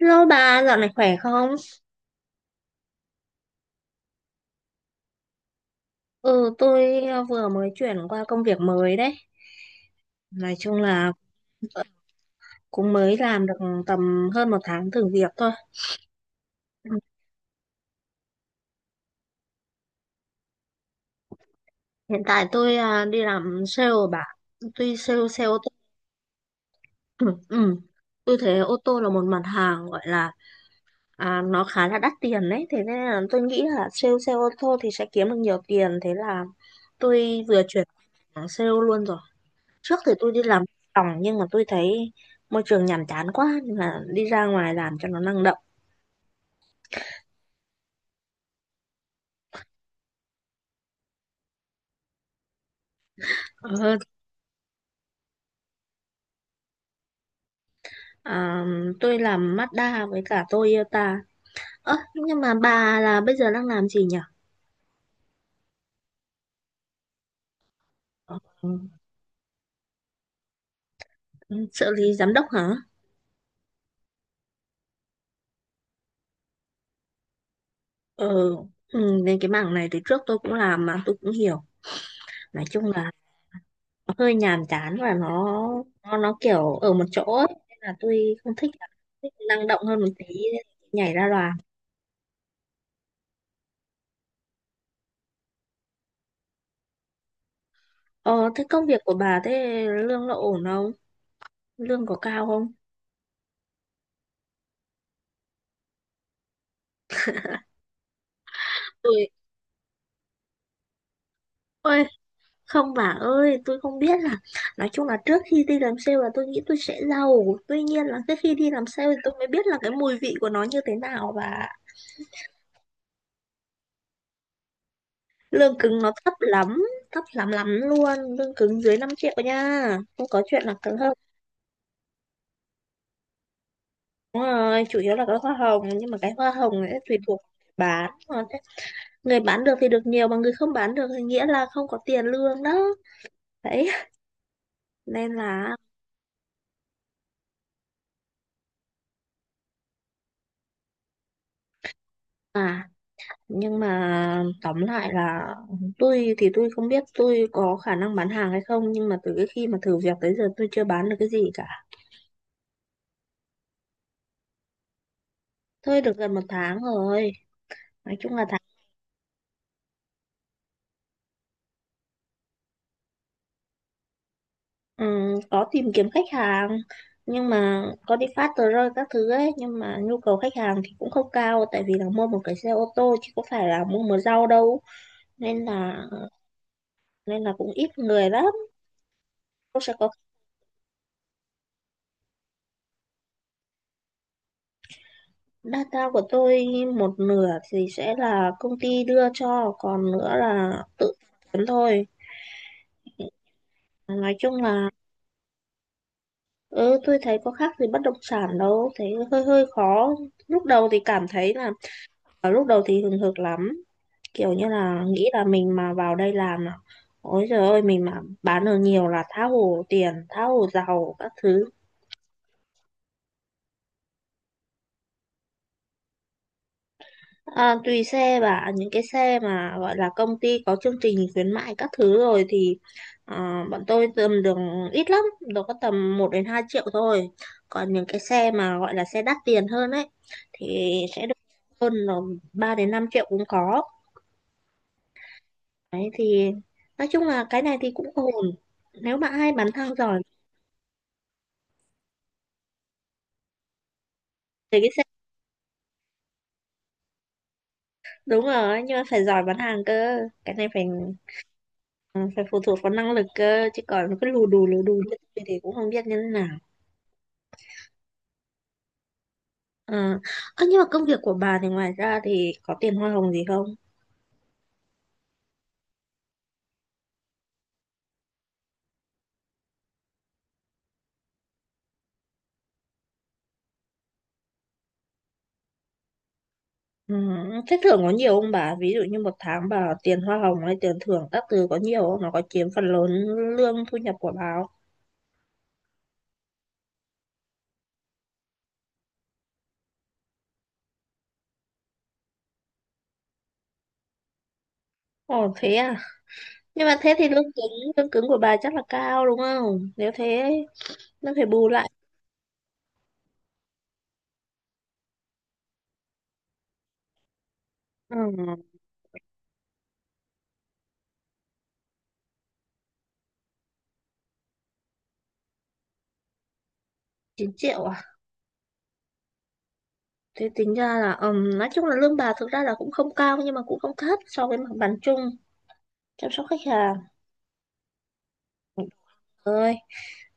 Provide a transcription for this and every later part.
Hello bà, dạo này khỏe không? Ừ, tôi vừa mới chuyển qua công việc mới đấy. Nói chung là cũng mới làm được tầm hơn một tháng thử việc thôi. Ừ, hiện tại tôi đi làm sale bà. Tuy sale xe ô tô. Ừ, ừ. Tôi thấy ô tô là một mặt hàng gọi là nó khá là đắt tiền đấy. Thế nên là tôi nghĩ là sale xe ô tô thì sẽ kiếm được nhiều tiền. Thế là tôi vừa chuyển sang sale luôn rồi. Trước thì tôi đi làm phòng, nhưng mà tôi thấy môi trường nhàm chán quá nên là đi ra ngoài làm cho nó năng động hơn. À, tôi làm Mazda với cả Toyota. Ơ, nhưng mà bà là bây giờ đang làm gì nhỉ? Ờ, trợ lý giám đốc hả? Ờ, ừ, nên cái mảng này từ trước tôi cũng làm mà tôi cũng hiểu. Nói chung là nó hơi nhàm chán và nó kiểu ở một chỗ ấy. Nên là tôi không thích, thích năng động hơn một tí nên nhảy ra làm. Ờ, thế công việc của bà thế lương nó ổn không? Lương có cao không? Tôi ơi, không bà ơi, tôi không biết là, nói chung là trước khi đi làm sale là tôi nghĩ tôi sẽ giàu, tuy nhiên là cái khi đi làm sale thì tôi mới biết là cái mùi vị của nó như thế nào. Và lương cứng nó thấp lắm, thấp lắm lắm luôn, lương cứng dưới 5 triệu nha, không có chuyện là cứng hơn. Đúng rồi, chủ yếu là cái hoa hồng, nhưng mà cái hoa hồng ấy tùy thuộc. bán Mà thế- Người bán được thì được nhiều, mà người không bán được thì nghĩa là không có tiền lương đó đấy. Nên là à nhưng mà tóm lại là tôi thì tôi không biết tôi có khả năng bán hàng hay không, nhưng mà từ cái khi mà thử việc tới giờ tôi chưa bán được cái gì cả. Thôi được gần một tháng rồi, nói chung là tháng. Có tìm kiếm khách hàng, nhưng mà có đi phát tờ rơi các thứ ấy, nhưng mà nhu cầu khách hàng thì cũng không cao, tại vì là mua một cái xe ô tô chứ có phải là mua một rau đâu. Nên là nên là cũng ít người lắm. Tôi sẽ có data của tôi, một nửa thì sẽ là công ty đưa cho, còn nữa là tự kiếm thôi. Nói chung là ừ, tôi thấy có khác gì bất động sản đâu, thấy hơi hơi khó. Lúc đầu thì cảm thấy là ở lúc đầu thì hừng hực lắm, kiểu như là nghĩ là mình mà vào đây làm là ôi trời ơi, mình mà bán được nhiều là tha hồ tiền, tha hồ giàu các thứ. À, tùy xe bà, những cái xe mà gọi là công ty có chương trình khuyến mại các thứ rồi thì bọn tôi tầm được ít lắm, đâu có tầm 1 đến 2 triệu thôi. Còn những cái xe mà gọi là xe đắt tiền hơn ấy thì sẽ được hơn là 3 đến 5 triệu cũng có. Đấy thì nói chung là cái này thì cũng ổn, nếu bạn ai bán hàng giỏi thì cái xe. Đúng rồi, nhưng mà phải giỏi bán hàng cơ, cái này phải ừ, phải phụ thuộc vào năng lực cơ, chứ còn cứ lù đù như tôi thì cũng không biết như thế nào. À, ơ, nhưng mà công việc của bà thì ngoài ra thì có tiền hoa hồng gì không? Ừ, thế thưởng có nhiều không bà? Ví dụ như một tháng bà tiền hoa hồng hay tiền thưởng các thứ có nhiều không? Nó có chiếm phần lớn lương thu nhập của bà không? Ồ thế à? Nhưng mà thế thì lương cứng của bà chắc là cao đúng không? Nếu thế nó phải bù lại. Ừ, 9 triệu à? Thế tính ra là nói chung là lương bà thực ra là cũng không cao, nhưng mà cũng không thấp so với mặt bằng chung chăm sóc khách hàng. Ơi.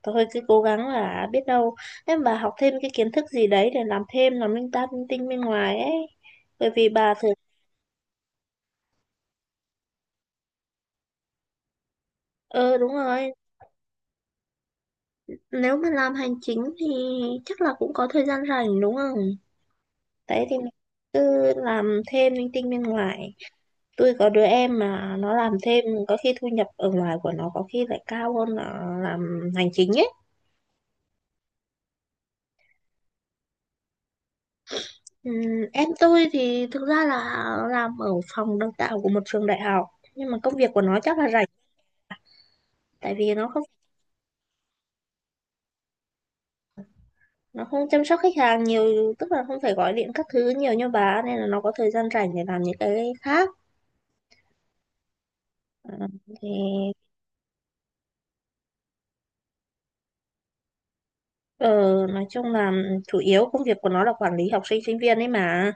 Thôi cứ cố gắng là biết đâu, em bà học thêm cái kiến thức gì đấy để làm thêm, làm linh ta linh tinh bên ngoài ấy. Bởi vì bà thường ờ đúng rồi, nếu mà làm hành chính thì chắc là cũng có thời gian rảnh đúng không? Đấy thì mình cứ làm thêm linh tinh bên ngoài. Tôi có đứa em mà nó làm thêm có khi thu nhập ở ngoài của nó có khi lại cao hơn là làm hành chính ấy. Ừm, em tôi thì thực ra là làm ở phòng đào tạo của một trường đại học, nhưng mà công việc của nó chắc là rảnh, tại vì nó không chăm sóc khách hàng nhiều, tức là không phải gọi điện các thứ nhiều như bà ấy, nên là nó có thời gian rảnh để làm những cái khác. Ờ, thì ờ, nói chung là ừ, chủ yếu công việc của nó là quản lý học sinh sinh viên ấy mà,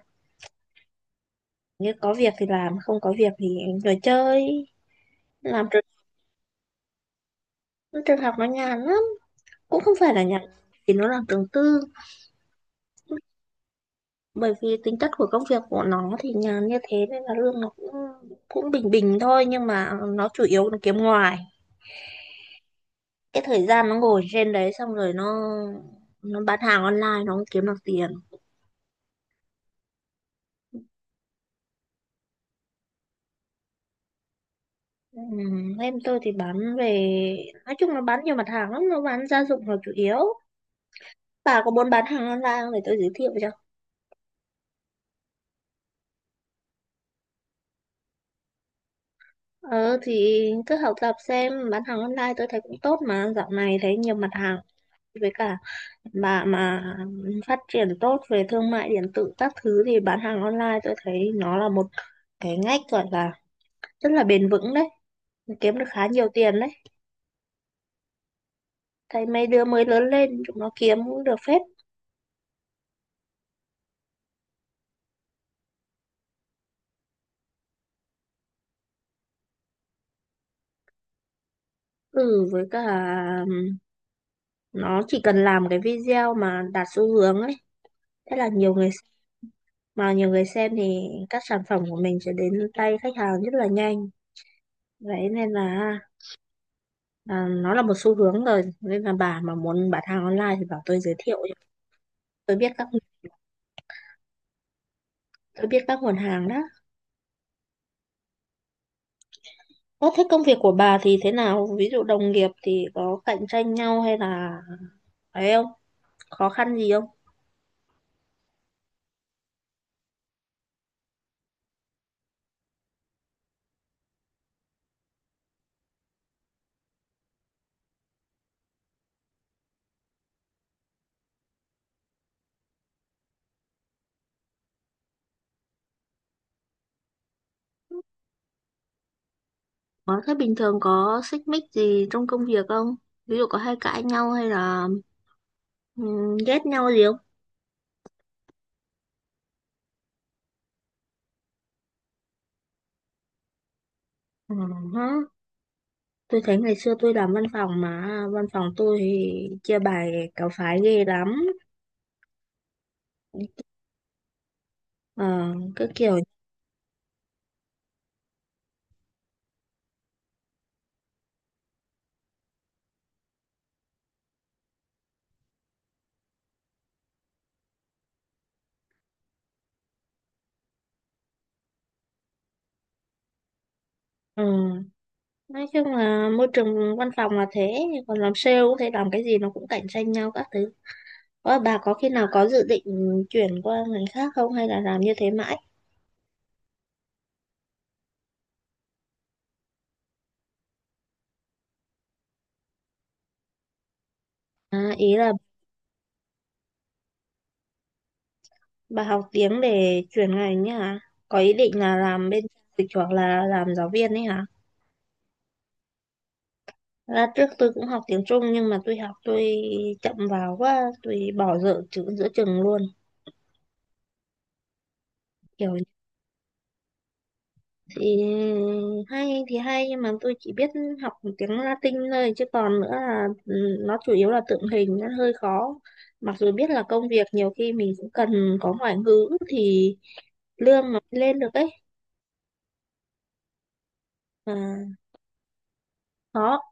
như có việc thì làm, không có việc thì ngồi chơi. Làm trường, trường học nó nhàn lắm, cũng không phải là nhàn, thì nó làm trường tư. Bởi vì tính chất của công việc của nó thì nhàn như thế nên là lương nó cũng cũng bình bình thôi, nhưng mà nó chủ yếu là kiếm ngoài, cái thời gian nó ngồi trên đấy xong rồi nó bán hàng online, nó không kiếm được tiền. Ừ, em tôi thì bán về, nói chung nó bán nhiều mặt hàng lắm, nó bán gia dụng là chủ yếu. Bà có muốn bán hàng online không, để tôi giới thiệu cho. Ờ thì cứ học tập xem, bán hàng online tôi thấy cũng tốt mà, dạo này thấy nhiều mặt hàng. Với cả bà mà phát triển tốt về thương mại điện tử các thứ thì bán hàng online tôi thấy nó là một cái ngách, gọi là rất là bền vững đấy, kiếm được khá nhiều tiền đấy. Thấy mấy đứa mới lớn lên chúng nó kiếm cũng được phết. Ừ, với cả ừm, nó chỉ cần làm cái video mà đạt xu hướng ấy, thế là nhiều người xem. Mà nhiều người xem thì các sản phẩm của mình sẽ đến tay khách hàng rất là nhanh. Vậy nên là nó là một xu hướng rồi, nên là bà mà muốn bán hàng online thì bảo tôi giới thiệu cho. tôi biết các tôi biết các nguồn hàng đó. Ơ, thế công việc của bà thì thế nào, ví dụ đồng nghiệp thì có cạnh tranh nhau hay là ấy không, khó khăn gì không? Ờ, thế bình thường có xích mích gì trong công việc không? Ví dụ có hay cãi nhau hay là ghét nhau gì không? Ừ, hả? Tôi thấy ngày xưa tôi làm văn phòng mà văn phòng tôi thì chia bài cáo phái ghê lắm. Ờ, cứ kiểu ừ. Nói chung là môi trường văn phòng là thế, còn làm sale cũng thế, làm cái gì nó cũng cạnh tranh nhau các thứ. Ờ, bà có khi nào có dự định chuyển qua ngành khác không, hay là làm như thế mãi? À, ý là bà học tiếng để chuyển ngành ấy hả? Có ý định là làm bên dịch hoặc là làm giáo viên ấy hả? Ra trước tôi cũng học tiếng Trung, nhưng mà tôi học tôi chậm vào quá, tôi bỏ dở chữ giữa chừng luôn. Kiểu thì hay thì hay, nhưng mà tôi chỉ biết học tiếng Latin thôi, chứ còn nữa là ừ, nó chủ yếu là tượng hình, nó hơi khó. Mặc dù biết là công việc nhiều khi mình cũng cần có ngoại ngữ thì lương nó mới lên được ấy. Mà khó.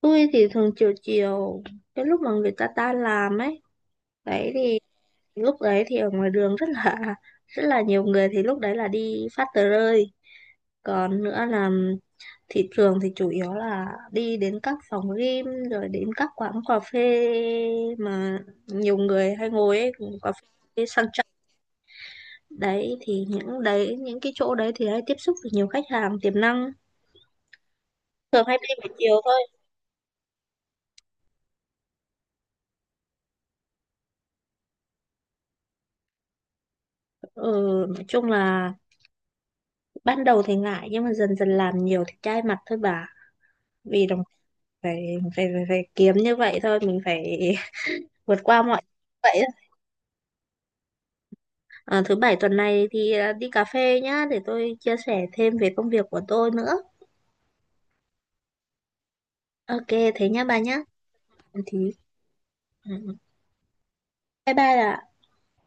Tôi thì thường chiều chiều, cái lúc mà người ta tan làm ấy đấy thì, lúc đấy thì ở ngoài đường rất là rất là nhiều người, thì lúc đấy là đi phát tờ rơi. Còn nữa là thị trường thì chủ yếu là đi đến các phòng gym rồi đến các quán cà phê mà nhiều người hay ngồi ấy, cà phê sang trọng. Đấy thì những cái chỗ đấy thì hay tiếp xúc được nhiều khách hàng tiềm năng, thường hay đi buổi chiều thôi. Ừ, nói chung là ban đầu thì ngại, nhưng mà dần dần làm nhiều thì chai mặt thôi bà. Vì đồng phải kiếm như vậy thôi, mình phải vượt qua mọi vậy. À, thứ bảy tuần này thì đi cà phê nhá để tôi chia sẻ thêm về công việc của tôi nữa. Ok, thế nhá bà nhá. Ừ, thì ừ, bye bye ạ.